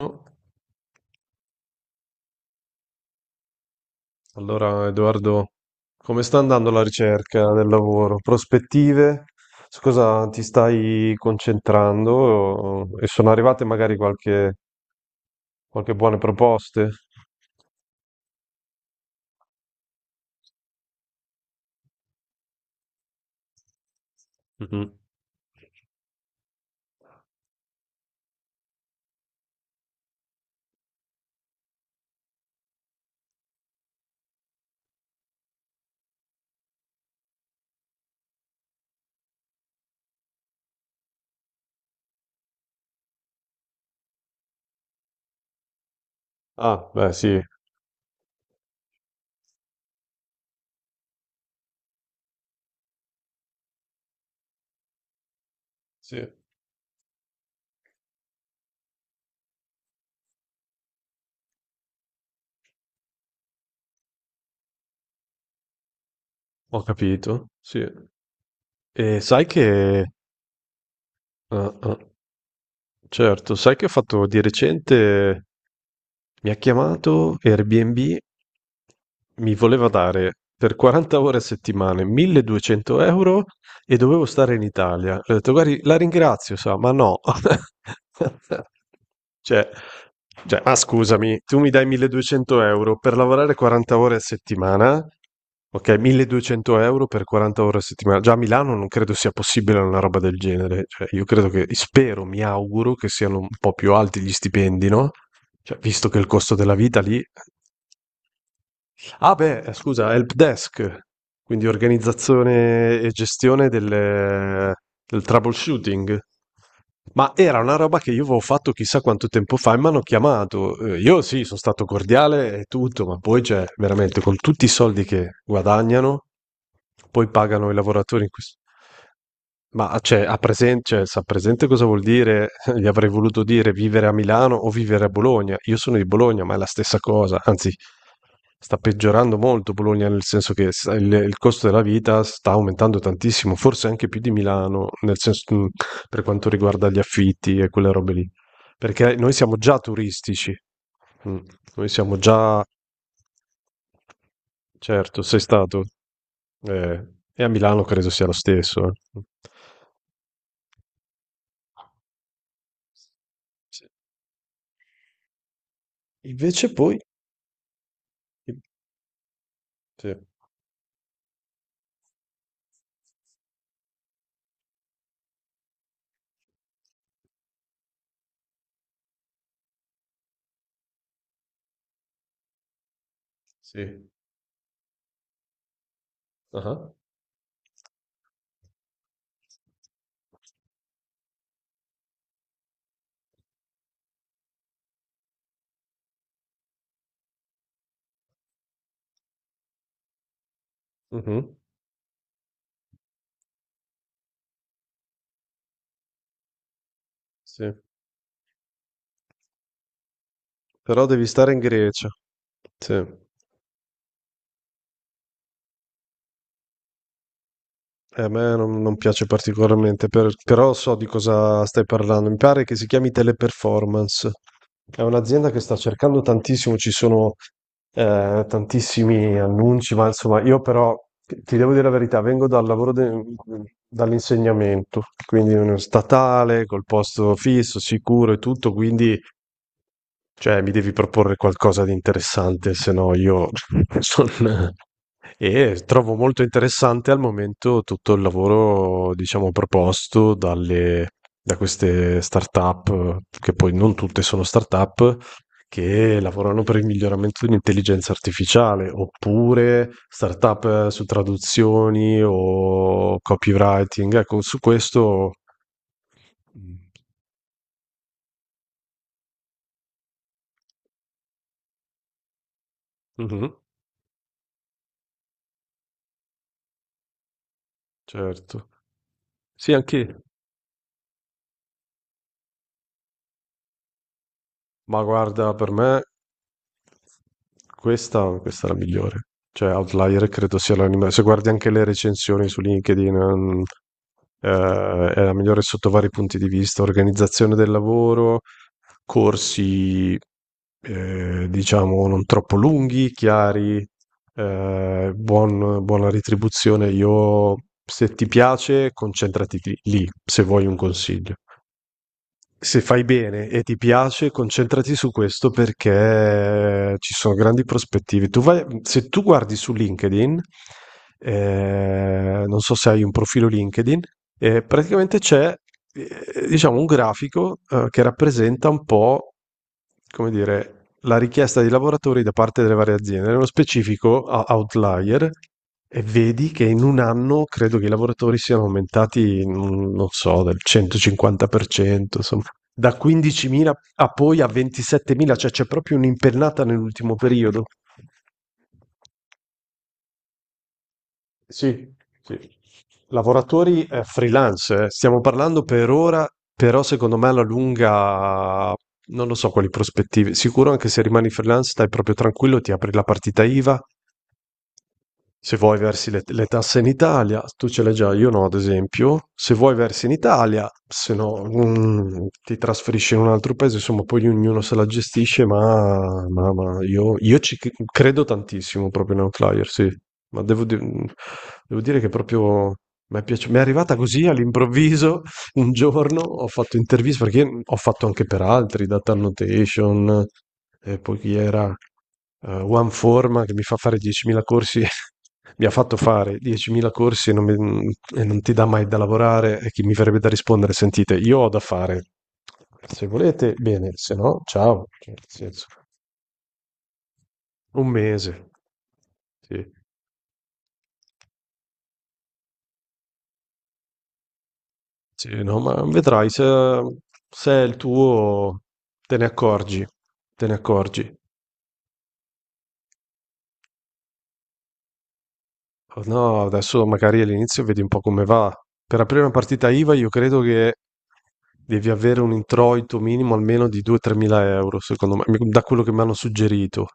No. Allora, Edoardo, come sta andando la ricerca del lavoro? Prospettive? Su cosa ti stai concentrando? E sono arrivate magari qualche buone proposte? Mhm. Ah, beh, sì, sì, ho capito, sì. E sai che, ah, ah, certo, sai che ho fatto di recente. Mi ha chiamato Airbnb, mi voleva dare per 40 ore a settimana 1.200 euro e dovevo stare in Italia. Le ho detto, guardi, la ringrazio, sa, ma no. Cioè, cioè, ma scusami, tu mi dai 1.200 euro per lavorare 40 ore a settimana? Ok, 1.200 euro per 40 ore a settimana. Già a Milano non credo sia possibile una roba del genere. Cioè, io credo che, spero, mi auguro che siano un po' più alti gli stipendi, no? Cioè, visto che il costo della vita lì. Ah beh, scusa, help desk, quindi organizzazione e gestione del troubleshooting. Ma era una roba che io avevo fatto chissà quanto tempo fa e mi hanno chiamato. Io sì, sono stato cordiale e tutto, ma poi cioè, veramente con tutti i soldi che guadagnano, poi pagano i lavoratori in questo. Ma cioè, cioè, sa presente cosa vuol dire? Gli avrei voluto dire vivere a Milano o vivere a Bologna. Io sono di Bologna, ma è la stessa cosa, anzi, sta peggiorando molto Bologna, nel senso che il costo della vita sta aumentando tantissimo, forse anche più di Milano, nel senso, per quanto riguarda gli affitti e quelle robe lì. Perché noi siamo già turistici. Mm. Noi siamo già, certo, sei stato, eh, e a Milano credo sia lo stesso. Eh. Sì. Invece poi... Sì, sì. Ah. Mh-mh, sì, però devi stare in Grecia. Sì. A me non piace particolarmente, però so di cosa stai parlando. Mi pare che si chiami Teleperformance. È un'azienda che sta cercando tantissimo, ci sono tantissimi annunci, ma insomma, io però ti devo dire la verità, vengo dal lavoro dall'insegnamento, quindi uno statale, col posto fisso, sicuro e tutto, quindi cioè, mi devi proporre qualcosa di interessante, se no io sono. E trovo molto interessante al momento tutto il lavoro, diciamo, proposto da queste start-up, che poi non tutte sono start-up, che lavorano per il miglioramento dell'intelligenza artificiale, oppure start-up su traduzioni o copywriting. Ecco, su questo... Mhm, certo. Sì, anche... Ma guarda, per me questa è la migliore. Cioè, Outlier credo sia l'anime. Se guardi anche le recensioni su LinkedIn, è la migliore sotto vari punti di vista: organizzazione del lavoro, corsi, diciamo, non troppo lunghi, chiari, buona retribuzione. Io, se ti piace, concentrati lì, se vuoi un consiglio. Se fai bene e ti piace, concentrati su questo perché ci sono grandi prospettive. Se tu guardi su LinkedIn, non so se hai un profilo LinkedIn, praticamente c'è, diciamo, un grafico, che rappresenta un po', come dire, la richiesta di lavoratori da parte delle varie aziende, nello specifico Outlier, e vedi che in un anno credo che i lavoratori siano aumentati, non so, del 150%, insomma, da 15.000 a poi a 27.000, cioè c'è proprio un'impennata nell'ultimo periodo. Sì, sì. Lavoratori freelance, eh. Stiamo parlando per ora, però secondo me alla lunga non lo so quali prospettive. Sicuro anche se rimani freelance, stai proprio tranquillo, ti apri la partita IVA. Se vuoi versi le tasse in Italia, tu ce l'hai già, io no, ad esempio. Se vuoi versi in Italia, se no ti trasferisci in un altro paese, insomma, poi ognuno se la gestisce, ma io, ci credo tantissimo proprio in Outlier, sì. Ma devo dire che proprio mi è piaciuto, mi è arrivata così all'improvviso un giorno, ho fatto interviste perché ho fatto anche per altri, Data Annotation, e poi chi era OneForma che mi fa fare 10.000 corsi, mi ha fatto fare 10.000 corsi e non ti dà mai da lavorare e chi mi verrebbe da rispondere, sentite, io ho da fare, se volete bene, se no ciao. Cioè, nel senso. Un mese. Sì. Sì, no, ma vedrai se è il tuo, te ne accorgi, te ne accorgi. Oh, no, adesso magari all'inizio vedi un po' come va. Per aprire una partita IVA io credo che devi avere un introito minimo almeno di 2-3 mila euro, secondo me, da quello che mi hanno suggerito,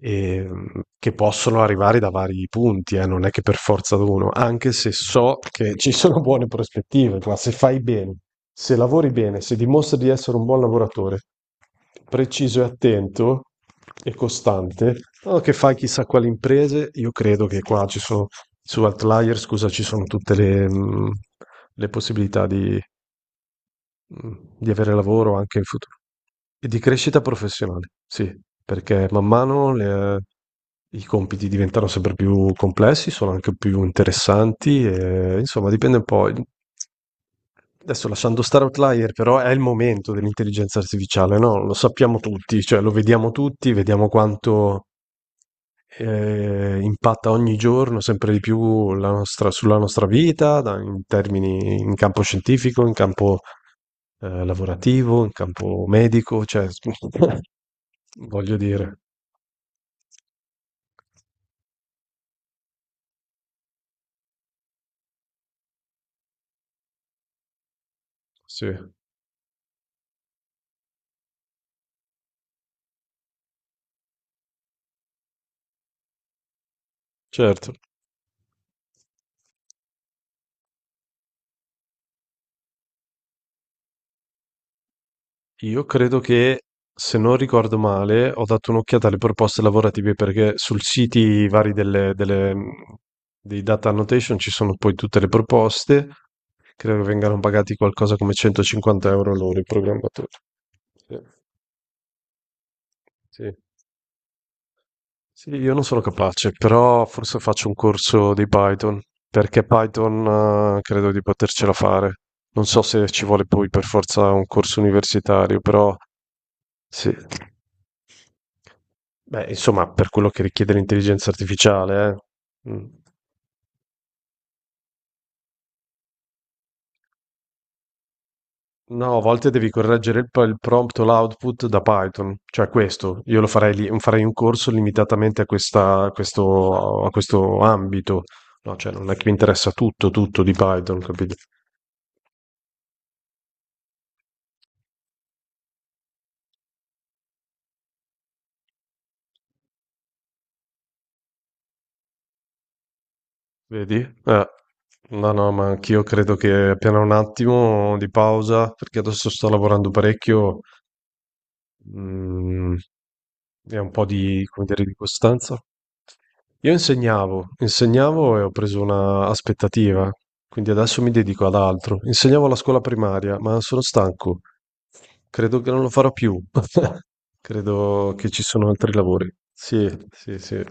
ehm, che possono arrivare da vari punti, non è che per forza d'uno, anche se so che ci sono buone prospettive, ma se fai bene, se lavori bene, se dimostri di essere un buon lavoratore, preciso e attento e costante, o che fai chissà quali imprese, io credo che qua ci sono, su Outlier, scusa, ci sono tutte le possibilità mm, di avere lavoro anche in futuro. E di crescita professionale, sì, perché man mano i compiti diventano sempre più complessi, sono anche più interessanti, e, insomma, dipende un po'. Adesso lasciando stare Outlier, però è il momento dell'intelligenza artificiale, no? Lo sappiamo tutti, cioè lo vediamo tutti, vediamo quanto impatta ogni giorno sempre di più sulla nostra vita, in termini in campo scientifico, in campo lavorativo, in campo medico, cioè, voglio dire, sì, certo. Io credo che, se non ricordo male, ho dato un'occhiata alle proposte lavorative perché sul siti vari dei data annotation ci sono poi tutte le proposte. Credo che vengano pagati qualcosa come 150 euro loro i programmatori. Sì, sì. Sì, io non sono capace, però forse faccio un corso di Python, perché Python, credo di potercela fare. Non so se ci vuole poi per forza un corso universitario, però sì. Beh, insomma, per quello che richiede l'intelligenza artificiale, eh. Mm. No, a volte devi correggere il prompt o l'output da Python, cioè questo, io lo farei, farei un corso limitatamente a questo ambito, no, cioè non è che mi interessa tutto, tutto di Python, capito? Vedi? Eh, no, no, ma anch'io credo che appena un attimo di pausa, perché adesso sto lavorando parecchio, mm, è un po' di, come dire, di costanza. Io insegnavo e ho preso una aspettativa, quindi adesso mi dedico ad altro. Insegnavo alla scuola primaria, ma sono stanco. Credo che non lo farò più. Credo che ci sono altri lavori. Sì, sì, sì.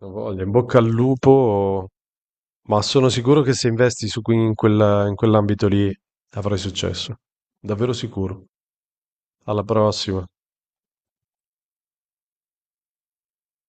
Non voglio, in bocca al lupo, ma sono sicuro che se investi in quell'ambito lì avrai successo. Davvero sicuro. Alla prossima.